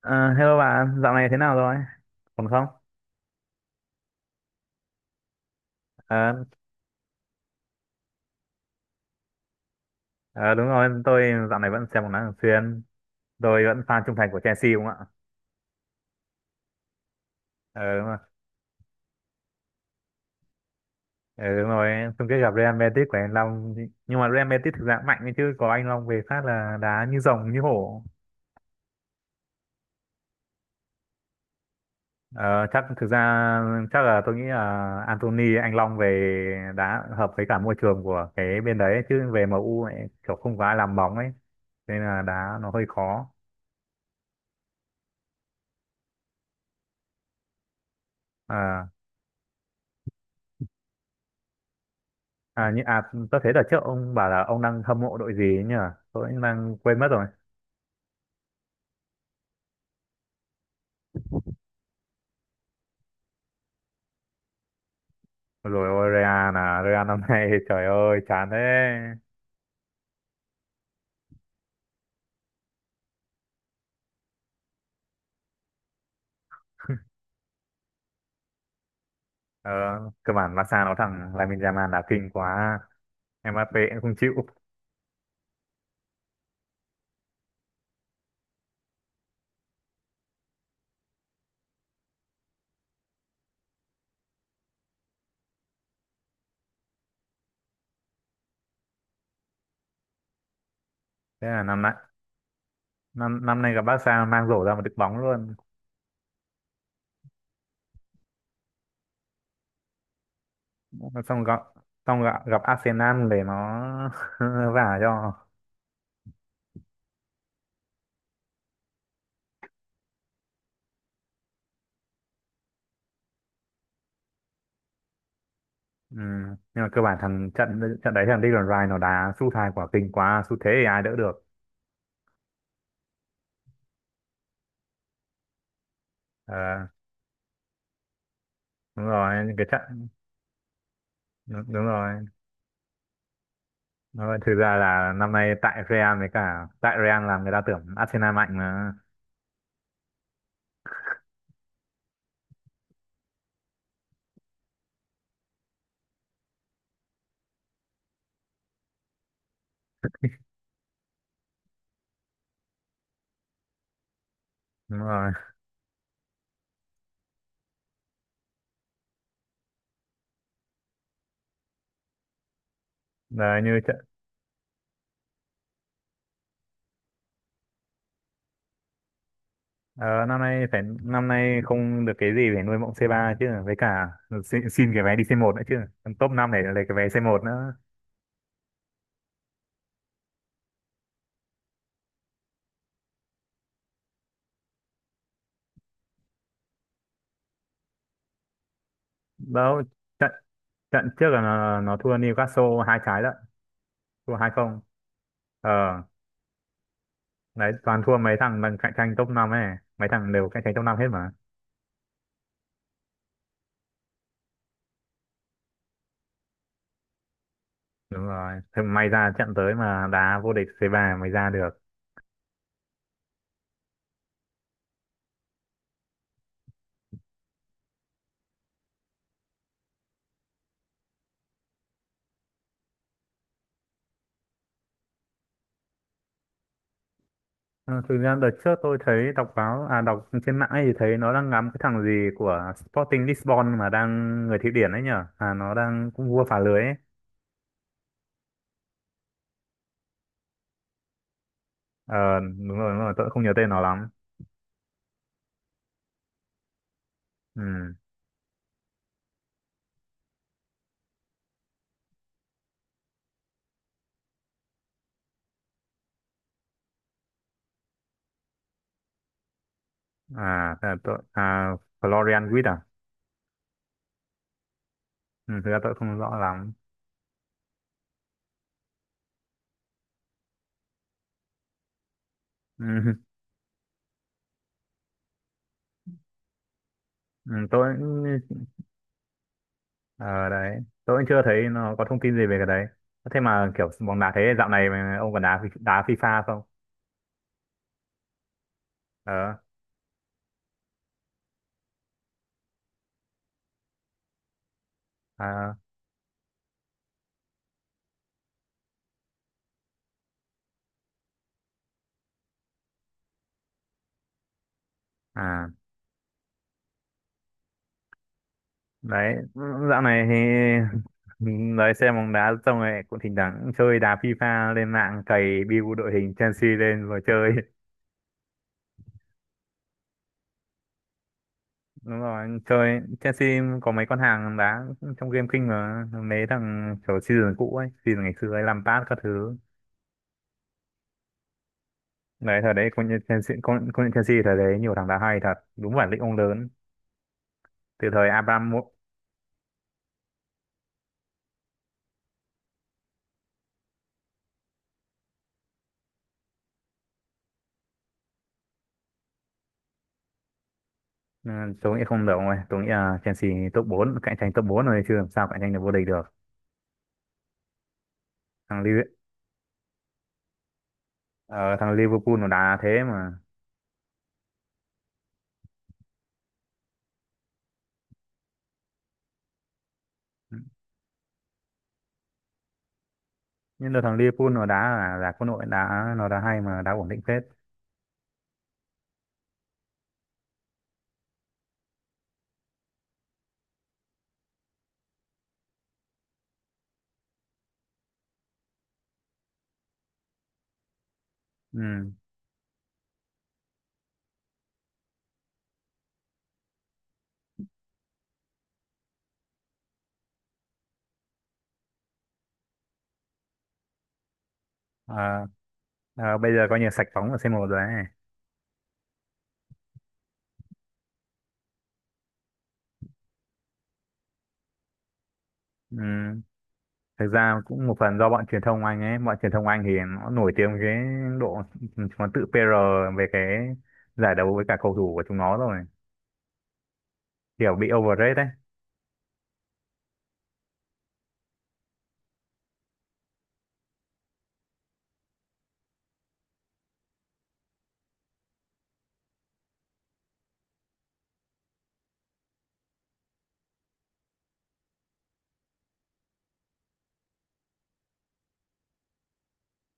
Ờ, Hello bạn, dạo này thế nào rồi? Còn không? Ờ, ờ, đúng rồi, tôi dạo này vẫn xem bóng đá thường xuyên. Tôi vẫn fan trung thành của Chelsea đúng không ạ? Ờ, đúng rồi. Ờ, đúng rồi. Chung kết gặp Real Madrid của anh Long. Nhưng mà Real Madrid thực ra cũng mạnh ấy chứ, có anh Long về phát là đá như rồng như hổ. Ờ, chắc thực ra, chắc là tôi nghĩ là Anthony anh Long về đá hợp với cả môi trường của cái bên đấy ấy, chứ về MU ấy, kiểu không có ai làm bóng ấy, nên là đá nó hơi khó. Ờ À, như tôi thấy đợt trước ông bảo là ông đang hâm mộ đội gì ấy nhỉ? Tôi cũng đang quên mất rồi. Rồi ôi Real à, Real năm nay trời ơi chán thế. Ờ, cơ bản Barca nó thằng Lamine Yamal là kinh quá. Mbappé cũng không chịu. Thế là năm nay gặp Barca mang rổ ra một đứt bóng luôn. Xong gặp xong gặp Arsenal để nó vả cho. Ừ. Nhưng mà cơ bản thằng trận trận đấy thằng Declan Rice nó đá sút hai quả kinh quá, sút thế thì ai đỡ được. Ờ, đúng rồi, cái trận. Đúng, đúng rồi. Nói thực ra là năm nay tại Real, với cả tại Real là người ta tưởng Arsenal mạnh mà. Đúng rồi. Đấy, như trận, ờ, năm nay không được cái gì để nuôi mộng C3 chứ, với cả xin cái vé đi C1 nữa chứ, top 5 để lấy cái vé C1 nữa đâu. Trận trận trước là nó thua Newcastle hai trái lận, thua 2-0. ờ Đấy toàn thua mấy thằng đang cạnh tranh top 5 ấy, mấy thằng đều cạnh tranh top 5 hết mà. Đúng rồi. Thế may ra trận tới mà đá vô địch C3 mới ra được. Ờ, thực ra đợt trước tôi thấy đọc báo, đọc trên mạng ấy thì thấy nó đang ngắm cái thằng gì của Sporting Lisbon mà đang người Thụy Điển ấy nhở, à nó đang cũng vua phá lưới ấy. Ờ đúng rồi, đúng rồi, tôi không nhớ tên nó lắm. ừ Thế là tôi à Florian Wirtz à. Ừ, thực ra tôi không rõ lắm. Ừ. Ừ, tôi ờ đấy, tôi cũng chưa thấy nó có thông tin gì về cái đấy. Thế mà kiểu bóng đá thế, dạo này mà ông còn đá đá FIFA không? ờ à, à Đấy dạo này thì đấy, xem bóng đá xong rồi cũng thỉnh thoảng chơi đá FIFA, lên mạng cày build đội hình Chelsea lên rồi chơi. Đúng rồi, chơi Chelsea có mấy con hàng đá trong game kinh mà, mấy thằng kiểu season cũ ấy, season ngày xưa ấy, Lampard các thứ. Đấy thời đấy công nhận Chelsea, công nhận Chelsea thời đấy nhiều thằng đá hay thật, đúng bản lĩnh ông lớn từ thời Abraham. Ừ, tôi nghĩ không được rồi, tôi nghĩ là Chelsea top bốn, cạnh tranh top 4 rồi chứ làm sao cạnh tranh được vô địch được. thằng Liv- Ờ, thằng Liverpool nó đá thế mà, nhưng là thằng Liverpool nó đá là quân đội đá, nó đá hay mà đá ổn định phết. Ừ. Ờ, ờ, bây giờ coi như sạch bóng ở C1 rồi ấy. Ừ. Thực ra cũng một phần do bọn truyền thông Anh ấy, bọn truyền thông Anh thì nó nổi tiếng với cái độ, nó tự PR về cái giải đấu với cả cầu thủ của chúng nó rồi, kiểu bị overrate đấy.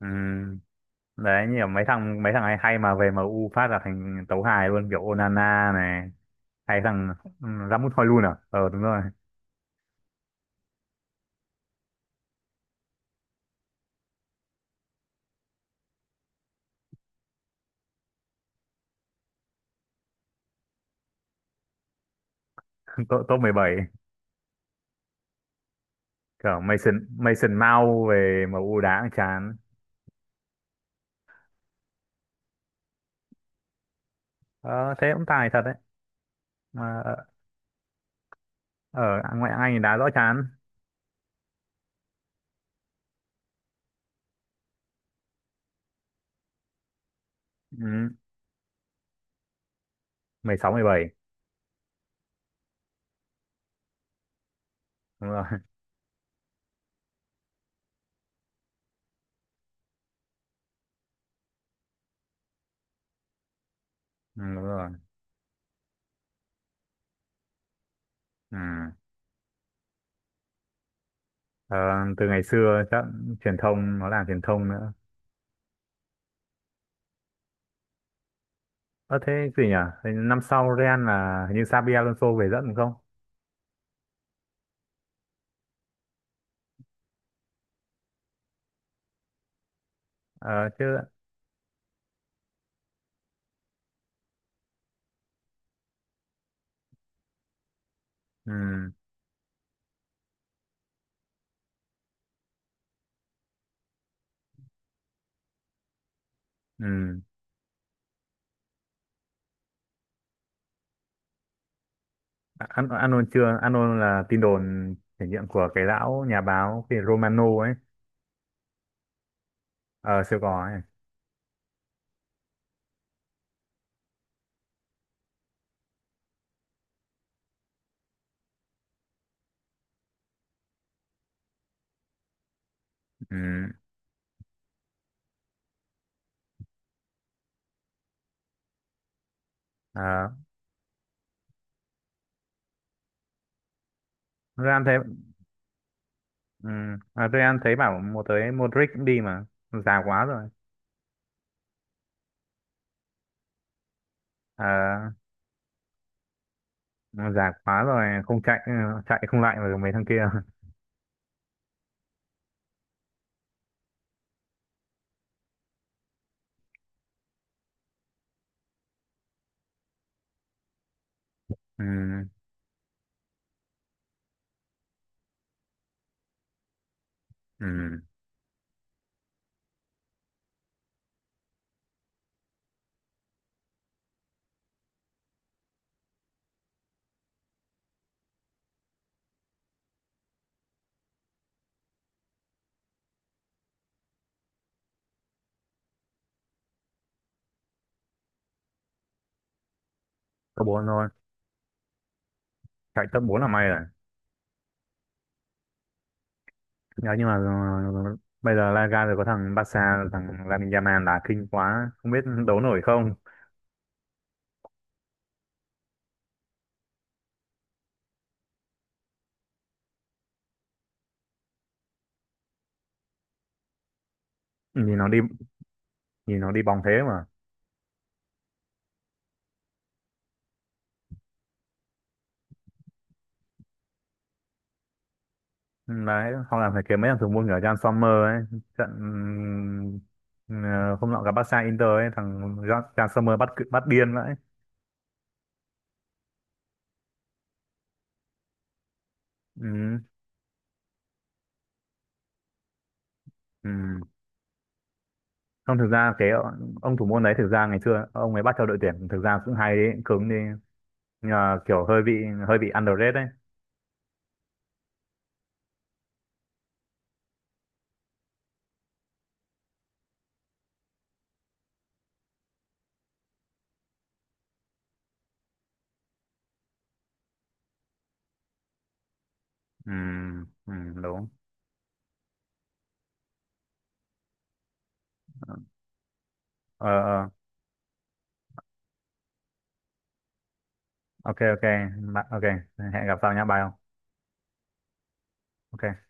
Ừ. Đấy như là mấy thằng hay hay mà về MU phát là thành tấu hài luôn, kiểu Onana này, hay thằng Rasmus Højlund à. Ờ đúng rồi. Top top 17. Cả Mason Mason Mount về em u đá cũng chán. Ờ, thế cũng tài thật đấy, mà ở ở ngoại hạng Anh thì đá rõ chán. Ừ, 16, 17. Đúng rồi. Ừ, đúng rồi. Ừ. Ờ, từ ngày xưa chắc truyền thông, nó làm truyền thông nữa. Ờ Thế gì nhỉ? Thế năm sau Real là hình như Xabi Alonso về dẫn đúng không? Ờ chứ. Ừ, ừ. Anon chưa, Anon là tin đồn thể nghiệm của cái lão nhà báo, cái Romano ấy. Ờ siêu cò ấy. Ừ. Ờ. Real thấy. Ừ. À, Real thấy bảo một tới Modric cũng đi mà, già quá rồi à, không chạy, chạy không lại với mấy thằng kia. Ừ. Ừ. Top bốn thôi, chạy top 4 là may rồi. Nhớ nhưng mà ừ, bây giờ Liga rồi có thằng Barca, thằng Lamine Yamal đá kinh quá không biết đấu nổi không. nhìn nó đi Nhìn nó đi bóng thế mà. Ừ, đấy hoặc là phải kiếm mấy thằng thủ môn kiểu Jan Sommer ấy. trận ừ, ừ, hôm nọ gặp Barca Inter ấy, thằng Jan Jan Sommer bắt điên vậy. Ừ, ừ. Không, thực ra cái ông thủ môn đấy thực ra ngày xưa ông ấy bắt theo đội tuyển thực ra cũng hay đấy, cứng đi, nhưng mà kiểu hơi bị underrated đấy. Ừ, ừ, đúng. Ờ, ờ, ok, ok, ok, hẹn gặp sau nhá, bye ông. Ok.